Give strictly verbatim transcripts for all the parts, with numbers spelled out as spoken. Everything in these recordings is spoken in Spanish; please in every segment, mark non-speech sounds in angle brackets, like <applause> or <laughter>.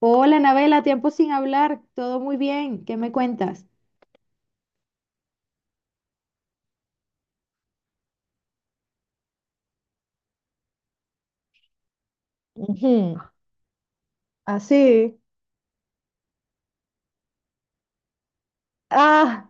Hola, Anabela, tiempo sin hablar, todo muy bien, ¿qué me cuentas? Ujú. Así. Ah.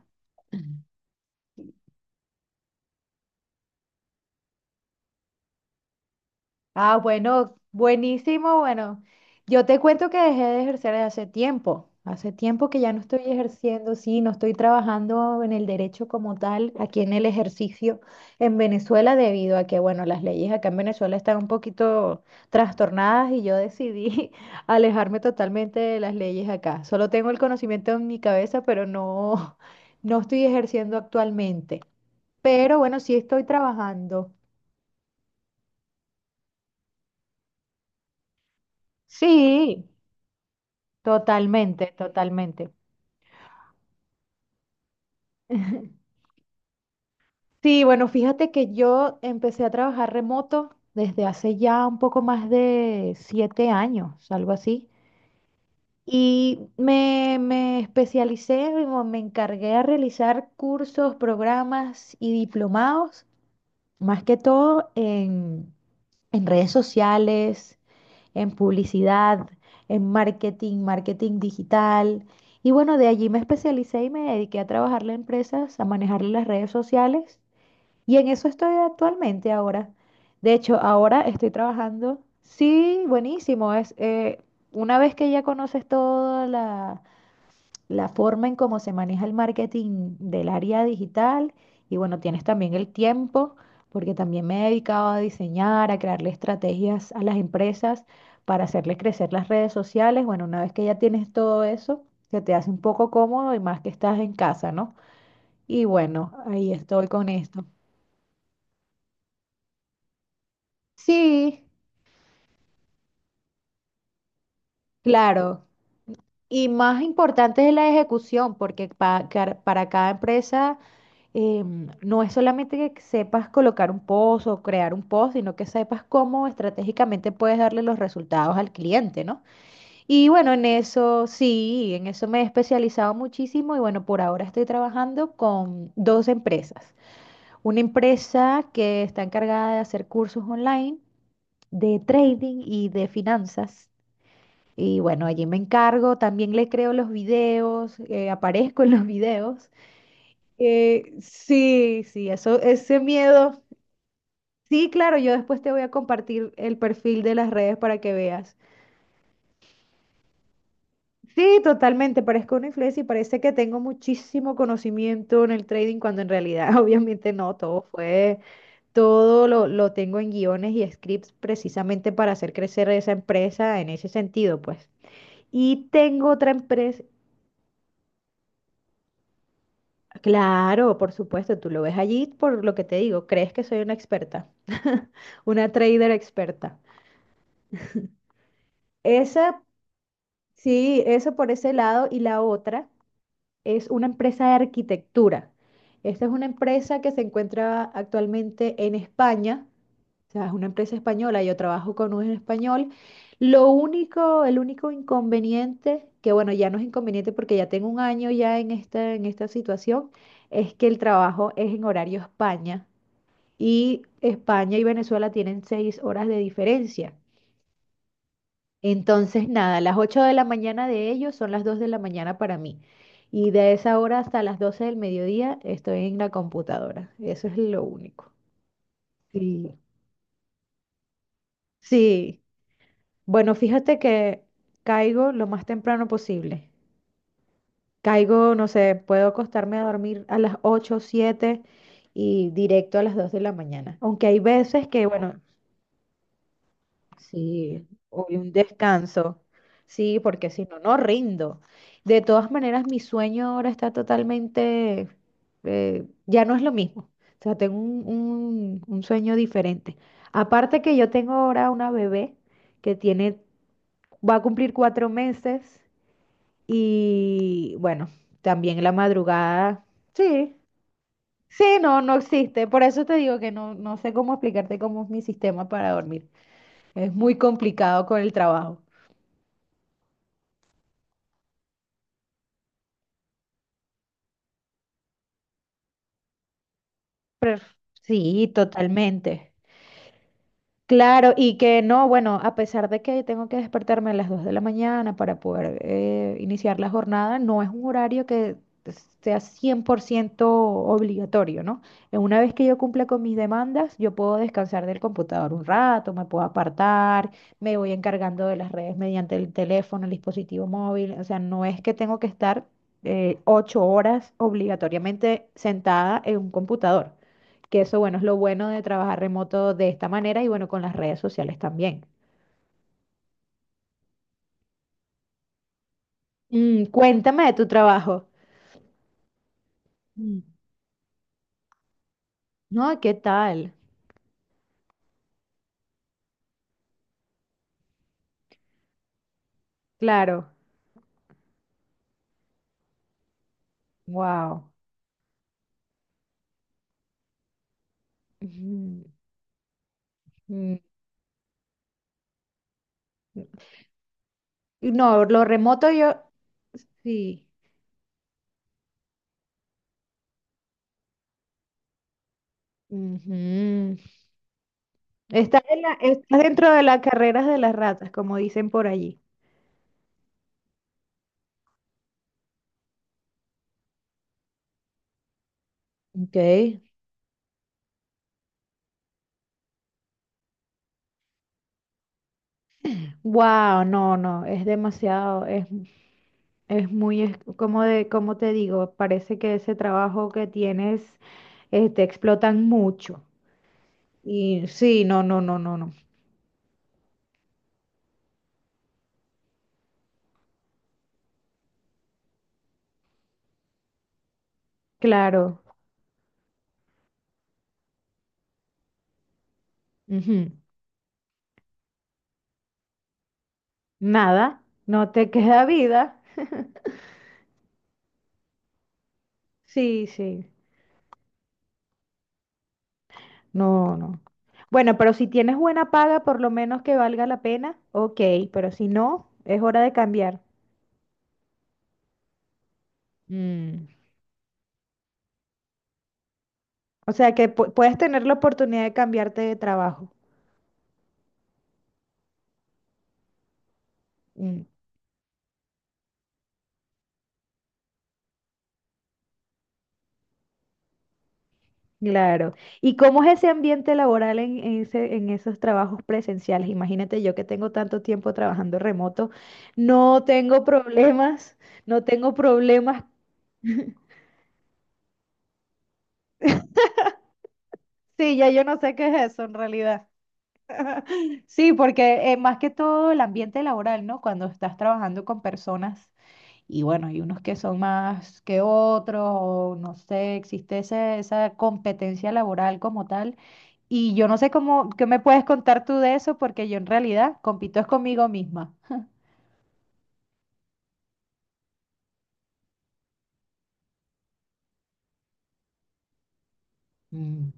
Ah, bueno, buenísimo, bueno. Yo te cuento que dejé de ejercer hace tiempo, hace tiempo que ya no estoy ejerciendo, sí, no estoy trabajando en el derecho como tal, aquí en el ejercicio en Venezuela, debido a que, bueno, las leyes acá en Venezuela están un poquito trastornadas y yo decidí <laughs> alejarme totalmente de las leyes acá. Solo tengo el conocimiento en mi cabeza, pero no, <laughs> no estoy ejerciendo actualmente. Pero bueno, sí estoy trabajando. Sí. Totalmente, totalmente. <laughs> Sí, bueno, fíjate que yo empecé a trabajar remoto desde hace ya un poco más de siete años, algo así. Y me, me especialicé, me me encargué a realizar cursos, programas y diplomados, más que todo en, en redes sociales, en publicidad, en marketing, marketing digital. Y bueno, de allí me especialicé y me dediqué a trabajarle a empresas, a manejarle las redes sociales. Y en eso estoy actualmente ahora. De hecho, ahora estoy trabajando. Sí, buenísimo. Es, eh, una vez que ya conoces toda la la forma en cómo se maneja el marketing del área digital, y bueno, tienes también el tiempo, porque también me he dedicado a diseñar, a crearle estrategias a las empresas para hacerles crecer las redes sociales. Bueno, una vez que ya tienes todo eso, se te hace un poco cómodo y más que estás en casa, ¿no? Y bueno, ahí estoy con esto. Sí, claro. Y más importante es la ejecución, porque pa- car- para cada empresa em, no es solamente que sepas colocar un post o crear un post, sino que sepas cómo estratégicamente puedes darle los resultados al cliente, ¿no? Y bueno, en eso sí, en eso me he especializado muchísimo y bueno, por ahora estoy trabajando con dos empresas. Una empresa que está encargada de hacer cursos online de trading y de finanzas. Y bueno, allí me encargo, también le creo los videos, eh, aparezco en los <laughs> videos. Eh, sí, sí, eso, ese miedo. Sí, claro, yo después te voy a compartir el perfil de las redes para que veas. Sí, totalmente, parezco una influencer y parece que tengo muchísimo conocimiento en el trading cuando en realidad <laughs> obviamente no, todo fue, todo lo, lo tengo en guiones y scripts precisamente para hacer crecer esa empresa en ese sentido, pues. Y tengo otra empresa, claro, por supuesto, tú lo ves allí por lo que te digo, crees que soy una experta, <laughs> una trader experta. Esa, sí, eso por ese lado. Y la otra es una empresa de arquitectura. Esta es una empresa que se encuentra actualmente en España. O sea, es una empresa española. Yo trabajo con un español. Lo único, el único inconveniente, que bueno, ya no es inconveniente porque ya tengo un año ya en esta, en esta situación, es que el trabajo es en horario España. Y España y Venezuela tienen seis horas de diferencia. Entonces, nada, las ocho de la mañana de ellos son las dos de la mañana para mí. Y de esa hora hasta las doce del mediodía estoy en la computadora. Eso es lo único. Sí. Sí. Bueno, fíjate que caigo lo más temprano posible. Caigo, no sé, puedo acostarme a dormir a las ocho siete y directo a las dos de la mañana. Aunque hay veces que, bueno, sí, hoy un descanso. Sí, porque si no, no rindo. De todas maneras, mi sueño ahora está totalmente, eh, ya no es lo mismo. O sea, tengo un, un- un sueño diferente. Aparte que yo tengo ahora una bebé que tiene, va a cumplir cuatro meses y bueno, también la madrugada. Sí, sí, no, no existe. Por eso te digo que no, no sé cómo explicarte cómo es mi sistema para dormir. Es muy complicado con el trabajo. Pref- Sí, totalmente. Claro, y que no, bueno, a pesar de que tengo que despertarme a las dos de la mañana para poder eh, iniciar la jornada, no es un horario que sea cien por ciento obligatorio, ¿no? Eh, Una vez que yo cumpla con mis demandas, yo puedo descansar del computador un rato, me puedo apartar, me voy encargando de las redes mediante el teléfono, el dispositivo móvil, o sea, no es que tengo que estar eh, ocho horas obligatoriamente sentada en un computador. Que eso, bueno, es lo bueno de trabajar remoto de esta manera y bueno, con las redes sociales también. Mm, cuéntame de tu trabajo. Mm, no, ¿qué tal? Claro. Wow. Ujú, mm. No, lo remoto yo, sí. Ujú. Estás en la- estás dentro de las carreras de las ratas, como dicen por allí. Ok. Wow, no, no, es demasiado, es Es muy, es como de, como te digo, parece que ese trabajo que tienes, eh, te explotan mucho. Y sí, no, no, no, no, no. Claro. Ujú. Nada, no te <laughs> queda vida. Sí, sí. No, no. Bueno, pero si tienes buena paga, por lo menos que valga la pena, ok, pero si no, es hora de cambiar. Mm. O sea que pu- puedes tener la oportunidad de cambiarte de trabajo. Mm. Claro. ¿Y cómo es ese ambiente laboral en, en ese- en esos trabajos presenciales? Imagínate yo que tengo tanto tiempo trabajando remoto, no tengo problemas, no tengo problemas. Sí, ya yo no sé qué es eso en realidad. <laughs> Sí, porque eh, más que todo el ambiente laboral, ¿no? Cuando estás trabajando con personas y bueno, hay unos que son más que otros, o no sé, existe ese- esa competencia laboral como tal. Y yo no sé cómo, qué me puedes contar tú de eso, porque yo en realidad compito es conmigo misma. Mm,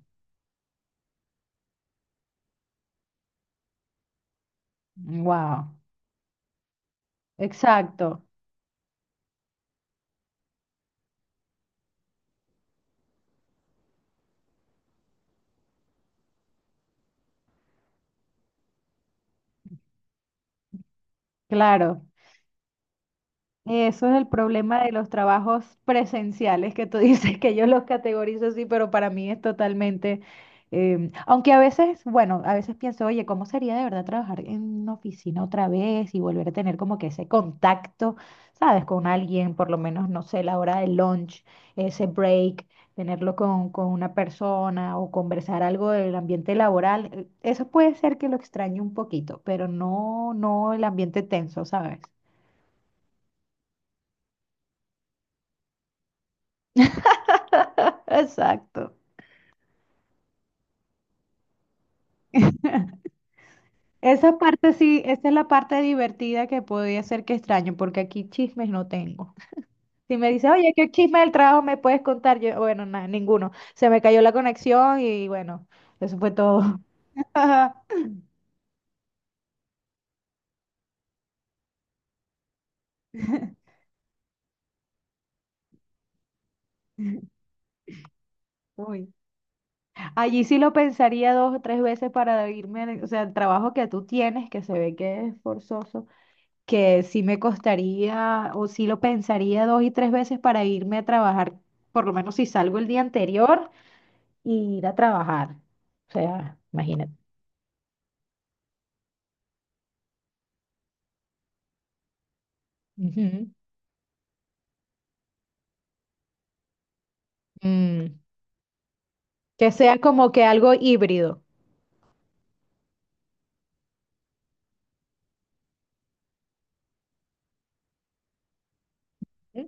wow. Exacto, claro. Eso es el problema de los trabajos presenciales, que tú <laughs> dices que yo los categorizo así, pero para mí es totalmente, em, aunque a veces, bueno, a veces pienso, oye, ¿cómo sería de verdad trabajar en una oficina otra vez y volver a tener como que ese contacto, sabes, con alguien, por lo menos, no sé, la hora del lunch, ese break, tenerlo con, con una persona o conversar algo del ambiente laboral? eh, Eso puede ser que lo extrañe un poquito, pero no, no el ambiente tenso, ¿sabes? <laughs> Exacto. Esa parte sí, esa es la parte divertida que podría ser que extraño, porque aquí chismes no tengo. Si me dices, oye, ¿qué chisme del trabajo me puedes contar? Yo, bueno, nada, ninguno. Se me cayó la conexión y bueno, eso fue todo. <laughs> Uy. Allí sí lo pensaría dos o tres veces para irme, o sea, el trabajo que tú tienes, que se ve que es forzoso, que sí me costaría o sí lo pensaría dos y tres veces para irme a trabajar, por lo menos si salgo el día anterior, y ir a trabajar. O sea, imagínate. Ujú. Mm, Que sea como que algo híbrido. ¿Mm?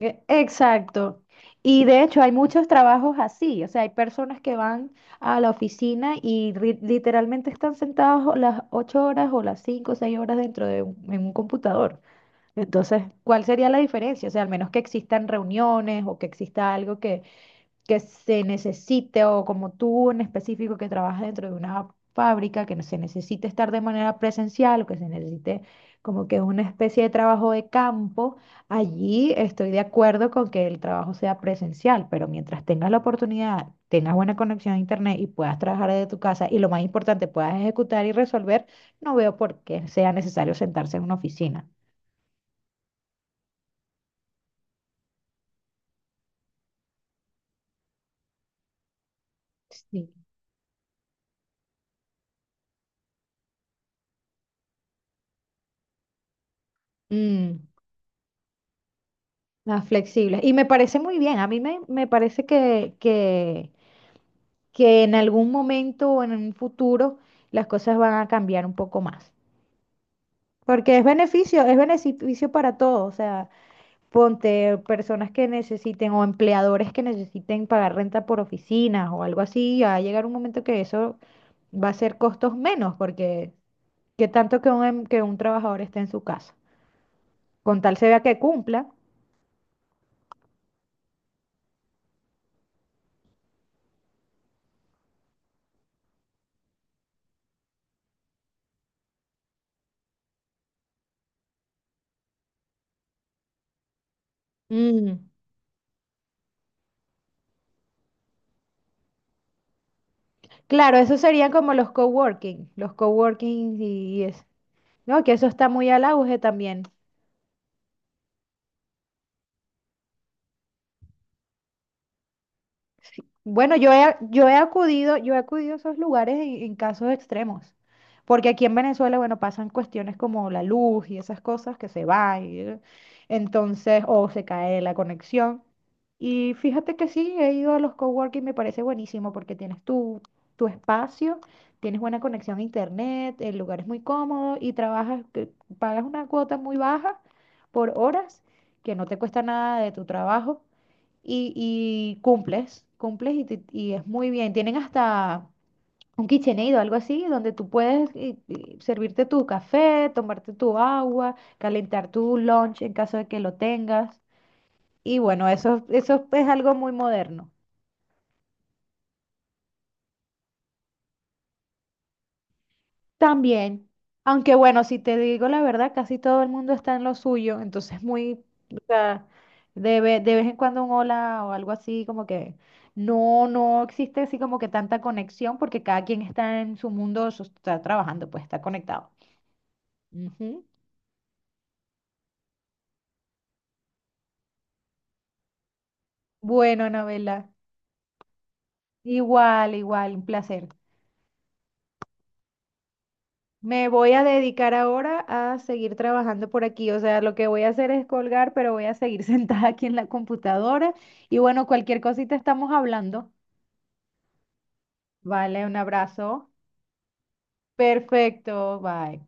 E- Exacto. Y de hecho hay muchos trabajos así, o sea, hay personas que van a la oficina y ri- literalmente están sentados o las ocho horas o las cinco o seis horas dentro de un, en un computador. Entonces, ¿cuál sería la diferencia? O sea, al menos que existan reuniones o que exista algo que, que se necesite o como tú en específico que trabajas dentro de una fábrica, que no se necesite estar de manera presencial o que se necesite como que una especie de trabajo de campo, allí estoy de acuerdo con que el trabajo sea presencial, pero mientras tengas la oportunidad, tengas buena conexión a internet y puedas trabajar desde tu casa y lo más importante, puedas ejecutar y resolver, no veo por qué sea necesario sentarse en una oficina. Sí. Mm, las flexibles. Y me parece muy bien. A mí me, me parece que, que, que en algún momento o en un futuro las cosas van a cambiar un poco más. Porque es beneficio, es beneficio para todos. O sea, ponte personas que necesiten o empleadores que necesiten pagar renta por oficinas o algo así. Va a llegar un momento que eso va a ser costos menos, porque qué tanto que un, em- que un trabajador esté en su casa. Con tal se vea que cumpla. Mm. Claro, eso serían como los coworking, los coworking y, y eso. No, que eso está muy al auge también. Sí. Bueno, yo he, yo he acudido, yo he acudido a esos lugares en, en casos extremos, porque aquí en Venezuela, bueno, pasan cuestiones como la luz y esas cosas que se va y- entonces, o se cae la conexión. Y fíjate que sí, he ido a los coworking, me parece buenísimo porque tienes tu, tu espacio, tienes buena conexión a internet, el lugar es muy cómodo y trabajas, que- pagas una cuota muy baja por horas, que no te cuesta nada de tu trabajo y, y cumples, cumples y, te- y es muy bien. Tienen hasta un KitchenAid o algo así, donde tú puedes eh, eh, servirte tu café, tomarte tu agua, calentar tu lunch en caso de que lo tengas. Y bueno, eso, eso es algo muy moderno. También, aunque bueno, si te digo la verdad, casi todo el mundo está en lo suyo, entonces muy, o sea, de, ve- de vez en cuando un hola o algo así, como que no, no existe así como que tanta conexión porque cada quien está en su mundo, su- está trabajando, pues está conectado. Ujú. Bueno, Anabela, igual, igual, un placer. Me voy a dedicar ahora a seguir trabajando por aquí. O sea, lo que voy a hacer es colgar, pero voy a seguir <laughs> sentada aquí en la computadora. Y bueno, cualquier cosita estamos hablando. Vale, un abrazo. Perfecto, bye.